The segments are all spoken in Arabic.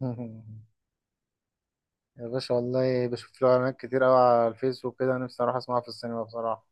يا باشا والله بشوف له اعلانات كتير قوي على الفيس وكده، نفسي اروح اسمعها في السينما بصراحة.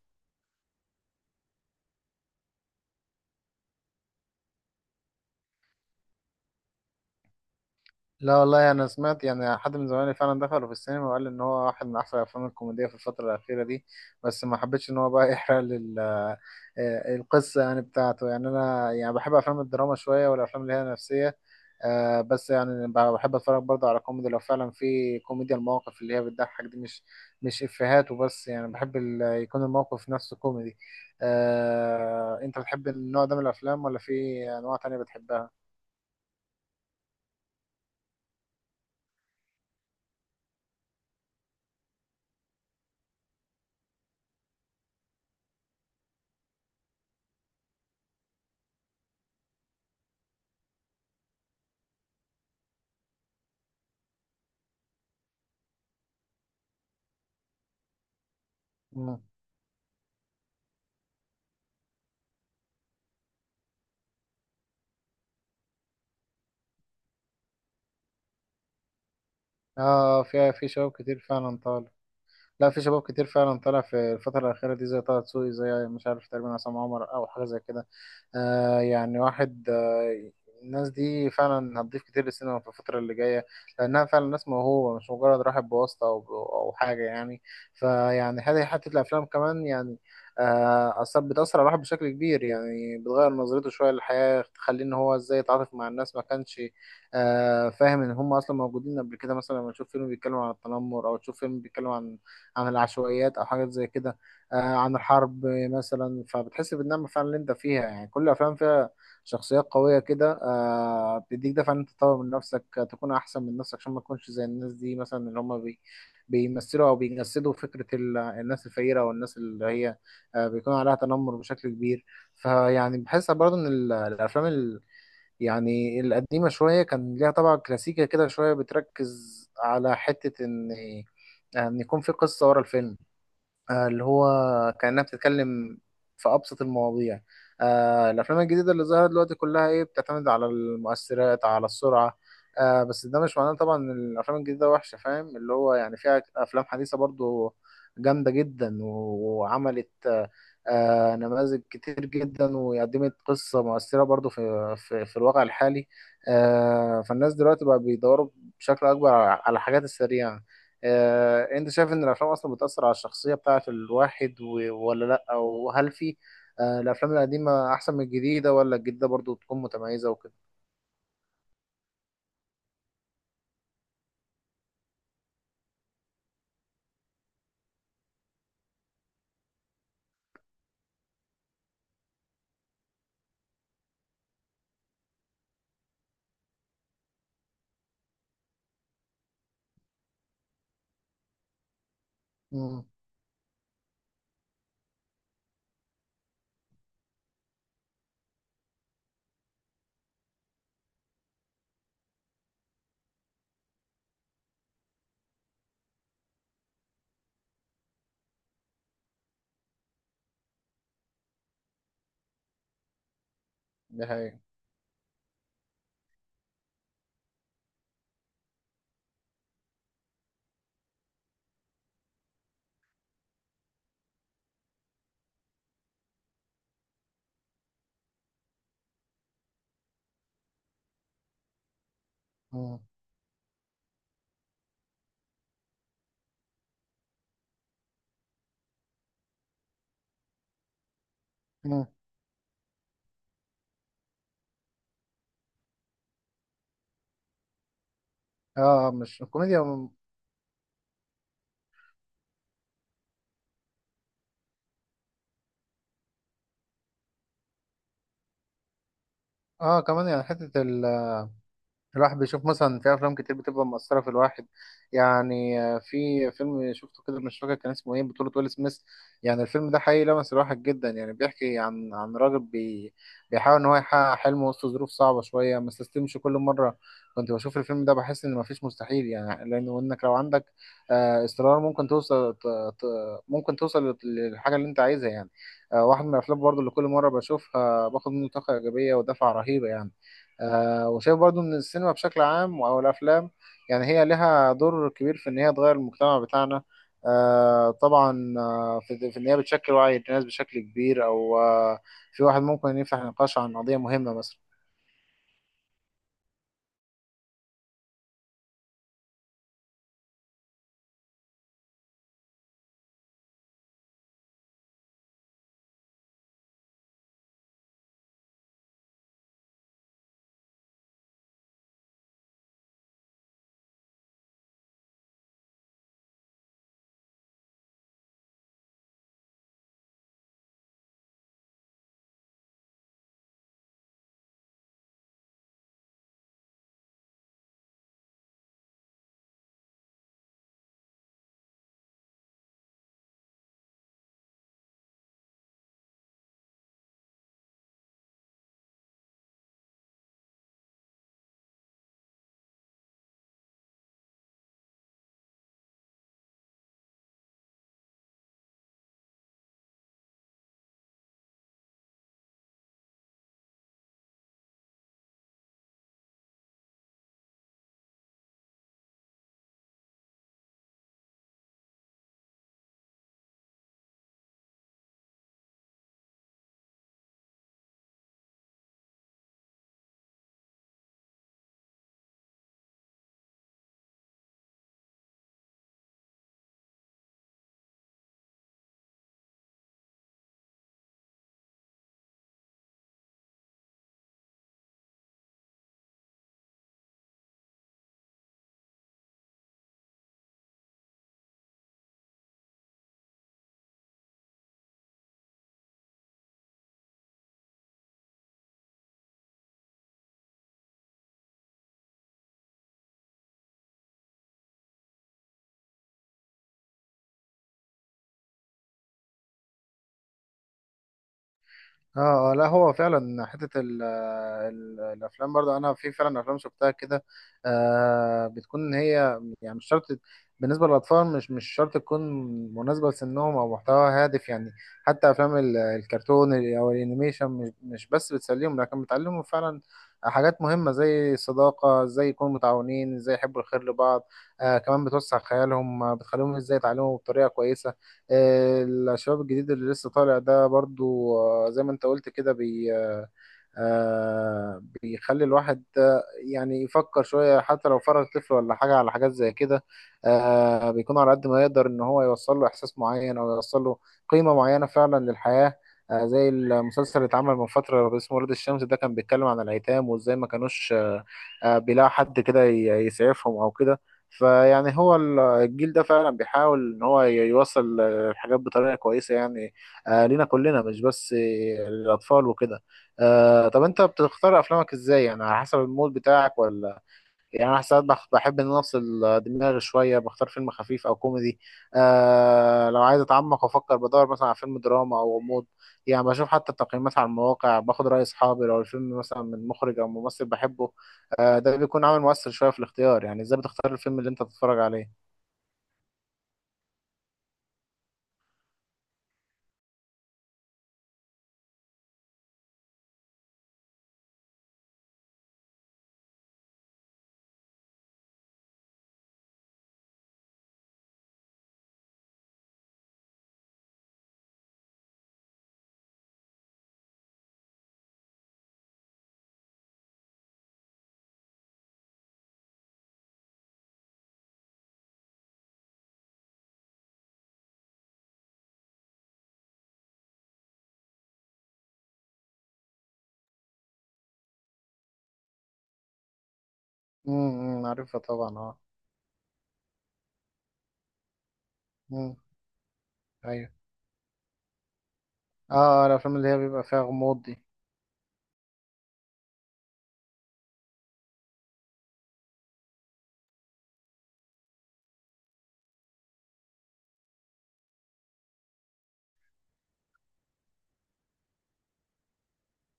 لا والله انا سمعت، يعني حد من زمايلي فعلا دخلوا في السينما وقال ان هو واحد من احسن الافلام الكوميديه في الفتره الاخيره دي. بس ما حبيتش ان هو بقى يحرق لي ال- آه، القصه يعني بتاعته، يعني انا يعني بحب افلام الدراما شويه والافلام اللي هي نفسيه. بس يعني بحب اتفرج برضه على كوميدي لو فعلا في كوميديا المواقف اللي هي بتضحك دي، مش افيهات وبس، يعني بحب يكون الموقف نفسه كوميدي. انت بتحب النوع ده من الافلام ولا في انواع تانية بتحبها؟ اه في في شباب كتير فعلا طالع. لا في شباب كتير فعلا طالع في الفترة الأخيرة دي، زي طه دسوقي، زي مش عارف تقريبا عصام عمر أو حاجة زي كده. آه يعني واحد آه الناس دي فعلا هتضيف كتير للسينما في الفترة اللي جاية، لأنها فعلا ناس موهوبة، مش مجرد راحت بواسطة أو حاجة يعني. فيعني هذه حتة الأفلام كمان، يعني أثر بتأثر على الواحد بشكل كبير، يعني بتغير نظرته شوية للحياة، تخليه إن هو إزاي يتعاطف مع الناس ما كانش فاهم إن هم أصلا موجودين قبل كده. مثلا لما تشوف فيلم بيتكلم عن التنمر، أو تشوف فيلم بيتكلم عن العشوائيات أو حاجات زي كده، عن الحرب مثلا. فبتحس بالنعمة فعلا اللي انت فيها. يعني كل الافلام فيها شخصيات قوية كده، بتديك دفع ان انت تطور من نفسك، تكون احسن من نفسك، عشان ما تكونش زي الناس دي مثلا اللي هم بيمثلوا او بيجسدوا فكرة الناس الفقيرة او الناس اللي هي بيكون عليها تنمر بشكل كبير. فيعني بحس برضه ان يعني القديمة شوية كان ليها طبعا كلاسيكية كده شوية، بتركز على حتة ان ان يكون في قصة ورا الفيلم، اللي هو كأنها بتتكلم في أبسط المواضيع. الأفلام الجديدة اللي ظهرت دلوقتي كلها إيه، بتعتمد على المؤثرات على السرعة. بس ده مش معناه طبعا إن الأفلام الجديدة وحشة، فاهم؟ اللي هو يعني فيها أفلام حديثة برضو جامدة جدا وعملت نماذج كتير جدا، وقدمت قصة مؤثرة برضو في في الواقع الحالي. فالناس دلوقتي بقى بيدوروا بشكل أكبر على الحاجات السريعة. انت شايف ان الافلام اصلا بتأثر على الشخصية بتاعت الواحد ولا لا؟ وهل في الافلام القديمة احسن من الجديدة، ولا الجديدة برضو تكون متميزة وكده؟ امم. ده هي. اه مش الكوميديا. اه كمان يعني حتة الواحد بيشوف مثلا في افلام كتير بتبقى مؤثره في الواحد. يعني في فيلم شفته كده مش فاكر كان اسمه ايه، بطوله ويل سميث. يعني الفيلم ده حقيقي لمس الواحد جدا، يعني بيحكي عن راجل بيحاول ان هو يحقق حلمه وسط ظروف صعبه شويه، ما استسلمش كل مره. كنت بشوف الفيلم ده بحس ان مفيش مستحيل، يعني لانه انك لو عندك اصرار ممكن ممكن توصل للحاجه اللي انت عايزها يعني. واحد من الافلام برضه اللي كل مره بشوفها باخد منه طاقه ايجابيه ودفعه رهيبه يعني. وشايف برضو ان السينما بشكل عام او الافلام، يعني هي لها دور كبير في ان هي تغير المجتمع بتاعنا. آه طبعا، في في ان هي بتشكل وعي الناس بشكل كبير، او في واحد ممكن يفتح نقاش عن قضية مهمة مثلا. لا هو فعلا حتة الافلام برضو، انا في فعلا افلام شفتها كده بتكون هي، يعني مش شرط بالنسبه للاطفال، مش شرط تكون مناسبه لسنهم او محتوى هادف يعني. حتى افلام الكرتون او الانيميشن، مش بس بتسليهم، لكن بتعلمهم فعلا حاجات مهمه زي الصداقه، ازاي يكونوا متعاونين، ازاي يحبوا الخير لبعض. كمان بتوسع خيالهم، بتخليهم ازاي يتعلموا بطريقه كويسه. الشباب الجديد اللي لسه طالع ده برضو، زي ما انت قلت كده، بي آه، آه بيخلي الواحد يعني يفكر شوية، حتى لو فرغ طفل ولا حاجة على حاجات زي كده. بيكون على قد ما يقدر إن هو يوصل له إحساس معين، أو يوصل له قيمة معينة فعلا للحياة. زي المسلسل اللي اتعمل من فترة اسمه ولاد الشمس، ده كان بيتكلم عن الأيتام وإزاي ما كانوش بيلاقوا حد كده يسعفهم أو كده. فيعني هو الجيل ده فعلا بيحاول إن هو يوصل الحاجات بطريقة كويسة، يعني لينا كلنا، مش بس للأطفال وكده. طب انت بتختار افلامك ازاي؟ يعني على حسب المود بتاعك ولا؟ يعني انا ساعات بحب ان أنا افصل دماغي شويه، بختار فيلم خفيف او كوميدي. لو عايز اتعمق وافكر، بدور مثلا على فيلم دراما او غموض. يعني بشوف حتى التقييمات على المواقع، باخد راي اصحابي، لو الفيلم مثلا من مخرج او ممثل بحبه ده بيكون عامل مؤثر شويه في الاختيار. يعني ازاي بتختار الفيلم اللي انت تتفرج عليه؟ عارفها طبعا، اه. امم. ايوه. اه الافلام اللي هي بيبقى فيها غموض دي.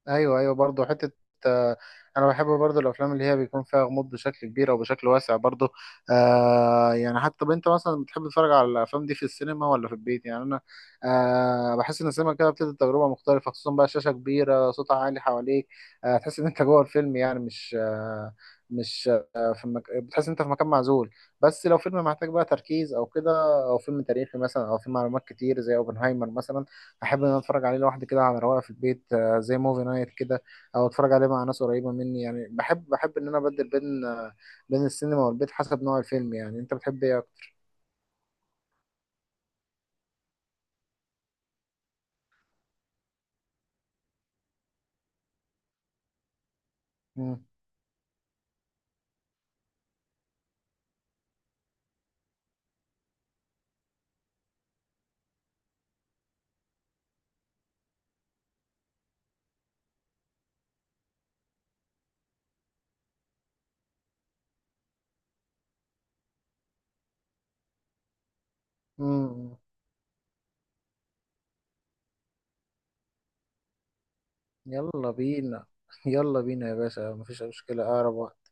ايوه، ايوه، برضه حته آه، انا بحب برضه الافلام اللي هي بيكون فيها غموض بشكل كبير او بشكل واسع برضه. يعني حتى، طب انت مثلا بتحب تتفرج على الافلام دي في السينما ولا في البيت؟ يعني انا بحس ان السينما كده بتدي تجربه مختلفه، خصوصا بقى شاشه كبيره، صوت عالي حواليك، تحس ان انت جوه الفيلم. يعني مش آه مش آه في مك... بتحس ان انت في مكان معزول. بس لو فيلم محتاج بقى تركيز او كده، او فيلم تاريخي مثلا او فيه معلومات كتير زي اوبنهايمر مثلا، احب ان انا اتفرج عليه لوحدي كده على رواقه في البيت، زي موفي نايت كده، او اتفرج عليه مع ناس قريبه مني. يعني بحب، بحب ان انا ابدل بين بين السينما والبيت حسب نوع الفيلم. يعني انت بتحب ايه اكتر؟ مم. مم. يلا بينا يلا بينا يا باشا، مفيش أي مشكله، اقرب وقت.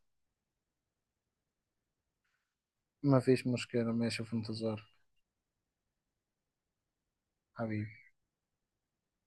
مفيش مشكله ماشي، في انتظار حبيبي.